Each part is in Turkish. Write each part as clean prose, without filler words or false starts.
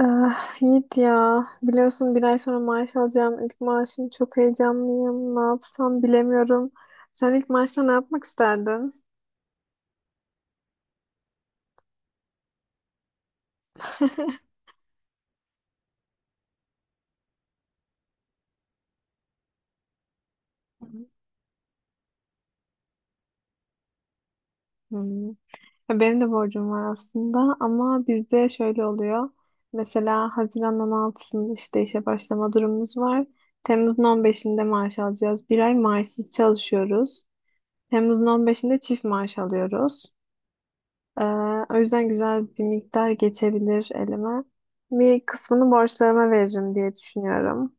Ah, Yiğit, ya biliyorsun bir ay sonra maaş alacağım, ilk maaşım, çok heyecanlıyım, ne yapsam bilemiyorum. Sen ilk maaşta ne yapmak isterdin? Hmm. Ya benim de borcum var aslında, ama bizde şöyle oluyor: mesela Haziran 16'sında işte işe başlama durumumuz var, Temmuz'un 15'inde maaş alacağız, bir ay maaşsız çalışıyoruz, Temmuz'un 15'inde çift maaş alıyoruz. Ee, O yüzden güzel bir miktar geçebilir elime. Bir kısmını borçlarıma veririm diye düşünüyorum.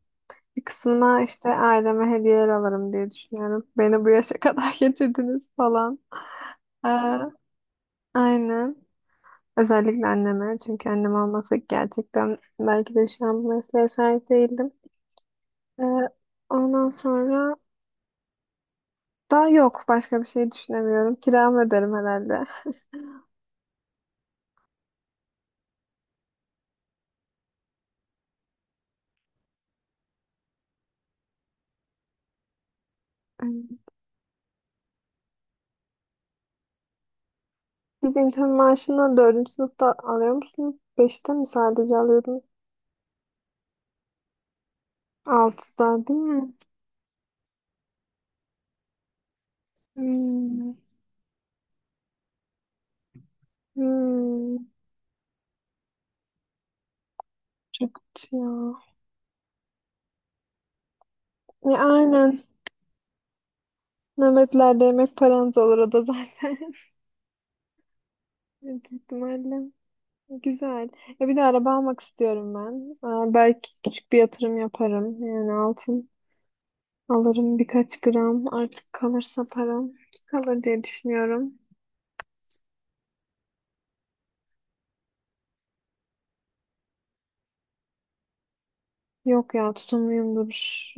Bir kısmına işte aileme hediyeler alırım diye düşünüyorum. Beni bu yaşa kadar getirdiniz falan. Ee, aynen. Özellikle anneme. Çünkü annem olmasa gerçekten belki de şu an bu mesleğe sahip değildim. Ee, Ondan sonra daha yok. Başka bir şey düşünemiyorum. Kiramı öderim herhalde. Siz intern maaşını dördüncü sınıfta alıyor musunuz? Beşte mi sadece alıyordunuz? Altıda değil mi? Hmm. Hmm. Çok kötü ya. Ya aynen. Nöbetlerde yemek paranız olur o da zaten. Büyük ihtimalle. Güzel. Ya bir de araba almak istiyorum ben. Aa, belki küçük bir yatırım yaparım. Yani altın alırım birkaç gram. Artık kalırsa param. Kalır diye düşünüyorum. Yok ya, tutumluyumdur.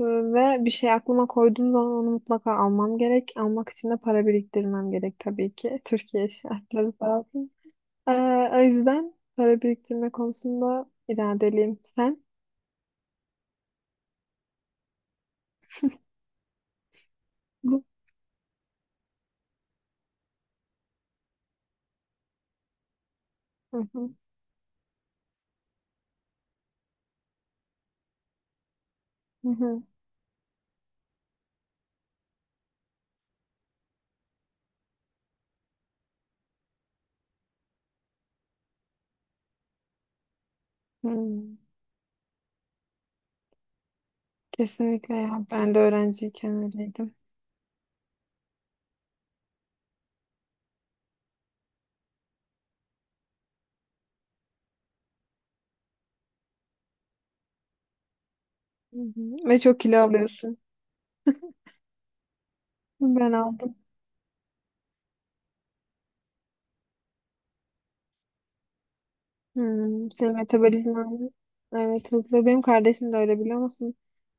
Ve bir şey aklıma koyduğum zaman onu mutlaka almam gerek. Almak için de para biriktirmem gerek tabii ki. Türkiye şartları lazım. Ee, O yüzden para biriktirme konusunda iradeliyim. Sen? Bu- Hı hı, hı hı, hı. Kesinlikle ya. Ben de öğrenciyken öyleydim. Hı hı. Ve çok kilo alıyorsun. Ben aldım. Hmm, senin metabolizman evet hızlı. Benim kardeşim de öyle, biliyor musun?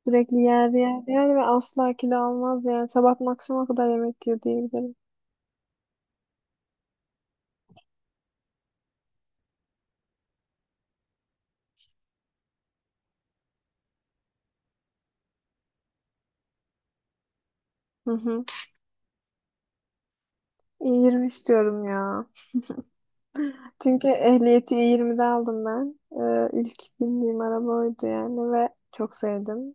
Sürekli yer yer yer ve asla kilo almaz yani. Sabah maksimum kadar yemek yiyor diyebilirim. Hı hı. E20 istiyorum ya. Çünkü ehliyeti E20'de aldım ben. İlk bindiğim araba oydu yani ve çok sevdim.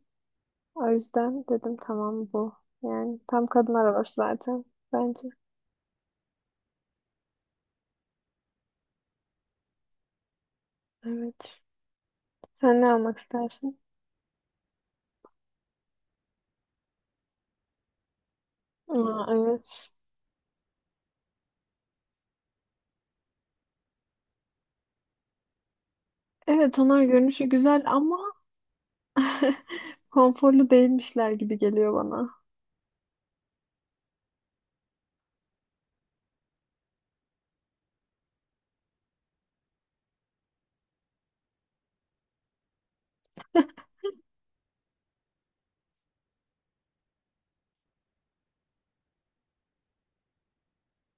O yüzden dedim tamam bu. Yani tam kadın arabası zaten, bence. Evet. Sen ne almak istersin? Aa, evet. Evet, onlar görünüşü güzel ama konforlu değilmişler gibi geliyor bana.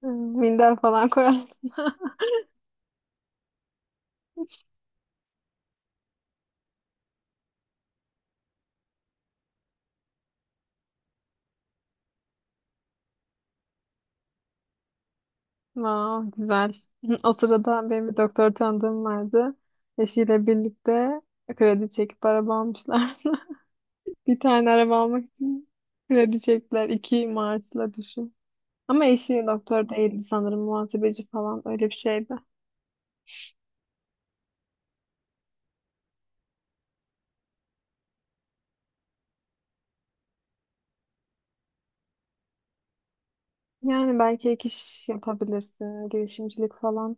Hmm, minder falan koyarsın. Wow, güzel. O sırada benim bir doktor tanıdığım vardı. Eşiyle birlikte kredi çekip araba almışlar. Bir tane araba almak için kredi çektiler. İki maaşla düşün. Ama eşi doktor değildi sanırım. Muhasebeci falan, öyle bir şeydi. Yani belki ek iş yapabilirsin. Girişimcilik falan.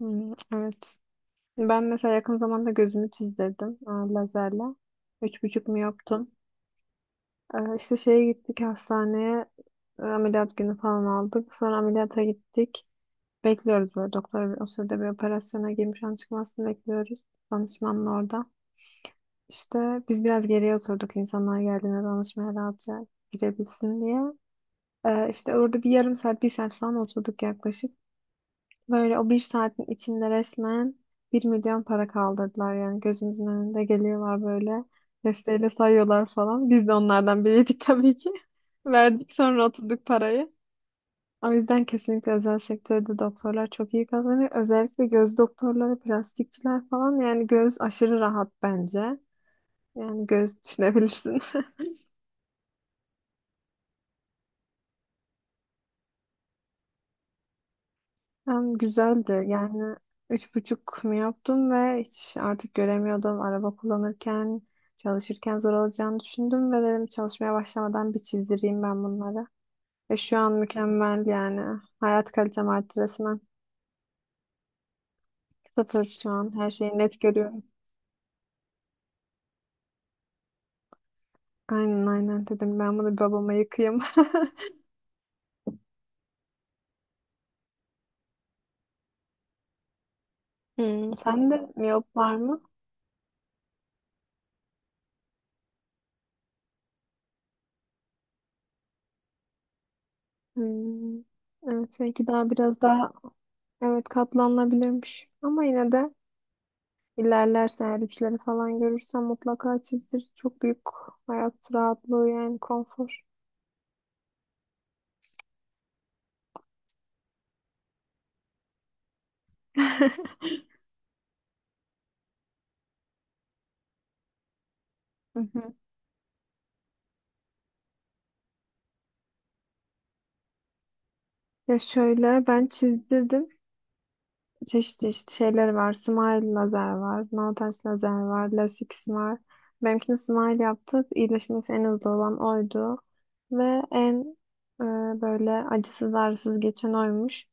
Hmm, evet. Ben mesela yakın zamanda gözümü çizdirdim, lazerle. 3,5 mu yaptım? İşte şeye gittik, hastaneye. Ameliyat günü falan aldık. Sonra ameliyata gittik. Bekliyoruz böyle, doktor o sırada bir operasyona girmiş, an çıkmasını bekliyoruz. Danışmanla orada. İşte biz biraz geriye oturduk insanlar geldiğinde danışmaya rahatça girebilsin diye. İşte orada bir yarım saat, bir saat falan oturduk yaklaşık. Böyle o bir saatin içinde resmen 1.000.000 para kaldırdılar yani. Gözümüzün önünde geliyorlar böyle, desteğiyle sayıyorlar falan. Biz de onlardan biriydik tabii ki. Verdik sonra, oturduk parayı. O yüzden kesinlikle özel sektörde doktorlar çok iyi kazanıyor. Özellikle göz doktorları, plastikçiler falan, yani göz aşırı rahat bence. Yani göz düşünebilirsin. Hem güzeldi. Yani 3,5 mu yaptım ve hiç artık göremiyordum. Araba kullanırken, çalışırken zor olacağını düşündüm ve dedim çalışmaya başlamadan bir çizdireyim ben bunları. Ve şu an mükemmel yani. Hayat kalitem arttı resmen. Sıfır şu an. Her şeyi net görüyorum. Aynen aynen dedim. Ben bunu babama yıkayayım. Hmm, sen de miyop var mı? Hmm, evet, belki daha biraz daha, evet, katlanılabilirmiş. Ama yine de İlerlerse eğer üçleri falan görürsem, mutlaka çizdir. Çok büyük hayat rahatlığı yani, konfor. Hı hı. Ya şöyle, ben çizdirdim. Çeşit çeşit şeyleri var. Smile lazer var. No touch lazer var. Lasix var. Benimkini Smile yaptık, İyileşmesi en hızlı olan oydu. Ve en e, böyle acısız ağrısız geçen oymuş.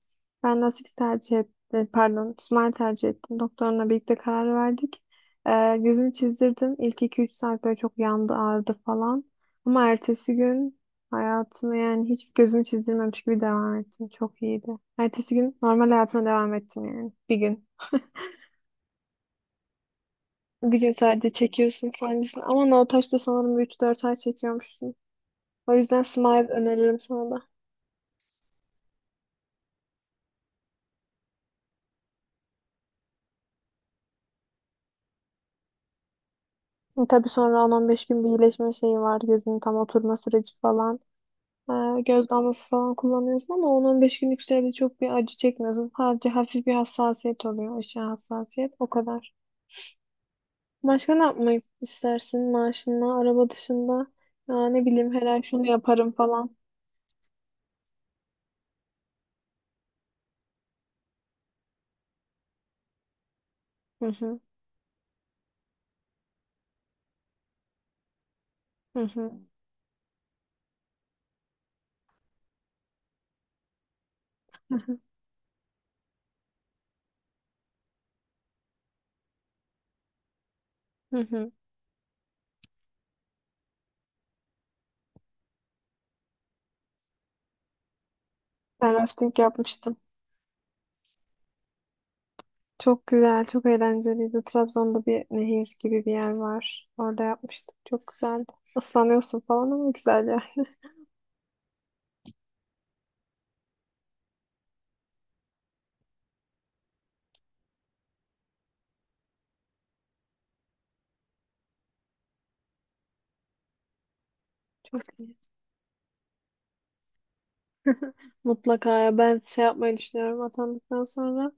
Ben Lasix tercih ettim. Pardon, Smile tercih ettim. Doktorla birlikte karar verdik. Gözümü çizdirdim. İlk 2-3 saat böyle çok yandı, ağrıdı falan. Ama ertesi gün hayatımı yani hiç gözümü çizdirmemiş gibi devam ettim. Çok iyiydi. Ertesi gün normal hayatıma devam ettim yani. Bir gün. Bir gün sadece çekiyorsun sancısını. Ama no touch'ta sanırım 3-4 ay çekiyormuşsun. O yüzden Smile öneririm sana da. Tabii sonra 10-15 gün bir iyileşme şeyi var. Gözünün tam oturma süreci falan. Göz damlası falan kullanıyorsun ama on 15 günlük sürede çok bir acı çekmiyorsun. Sadece hafif bir hassasiyet oluyor. Aşağı hassasiyet. O kadar. Başka ne yapmayı istersin? Maaşınla, araba dışında. Ya ne bileyim, her ay şunu yaparım falan. Hı hı. Hı hı. Hı hı. Ben rafting yapmıştım. Çok güzel, çok eğlenceliydi. Trabzon'da bir nehir gibi bir yer var. Orada yapmıştık. Çok güzeldi. Islanıyorsun falan, ama güzel ya. Çok iyi. Mutlaka ya. Ben şey yapmayı düşünüyorum atandıktan sonra.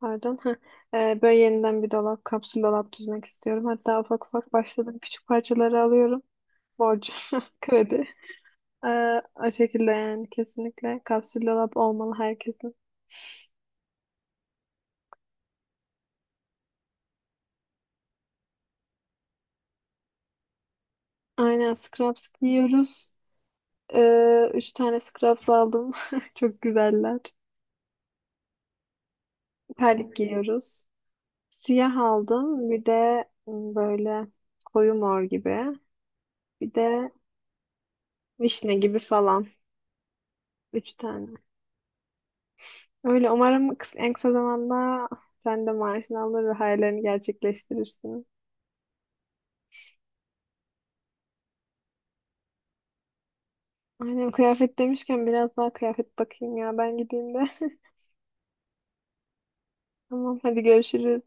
Pardon. Heh. Böyle yeniden bir dolap, kapsül dolap düzmek istiyorum. Hatta ufak ufak başladım. Küçük parçaları alıyorum. Borcu, kredi. O şekilde yani, kesinlikle kapsül dolap olmalı herkesin. Aynen, scraps giyiyoruz. Üç tane scrubs aldım. Çok güzeller. Terlik giyiyoruz. Siyah aldım. Bir de böyle koyu mor gibi. Bir de vişne gibi falan. Üç tane. Öyle, umarım en kısa zamanda sen de maaşını alır ve hayallerini gerçekleştirirsin. Aynen, kıyafet demişken biraz daha kıyafet bakayım ya. Ben gideyim de. Tamam hadi görüşürüz.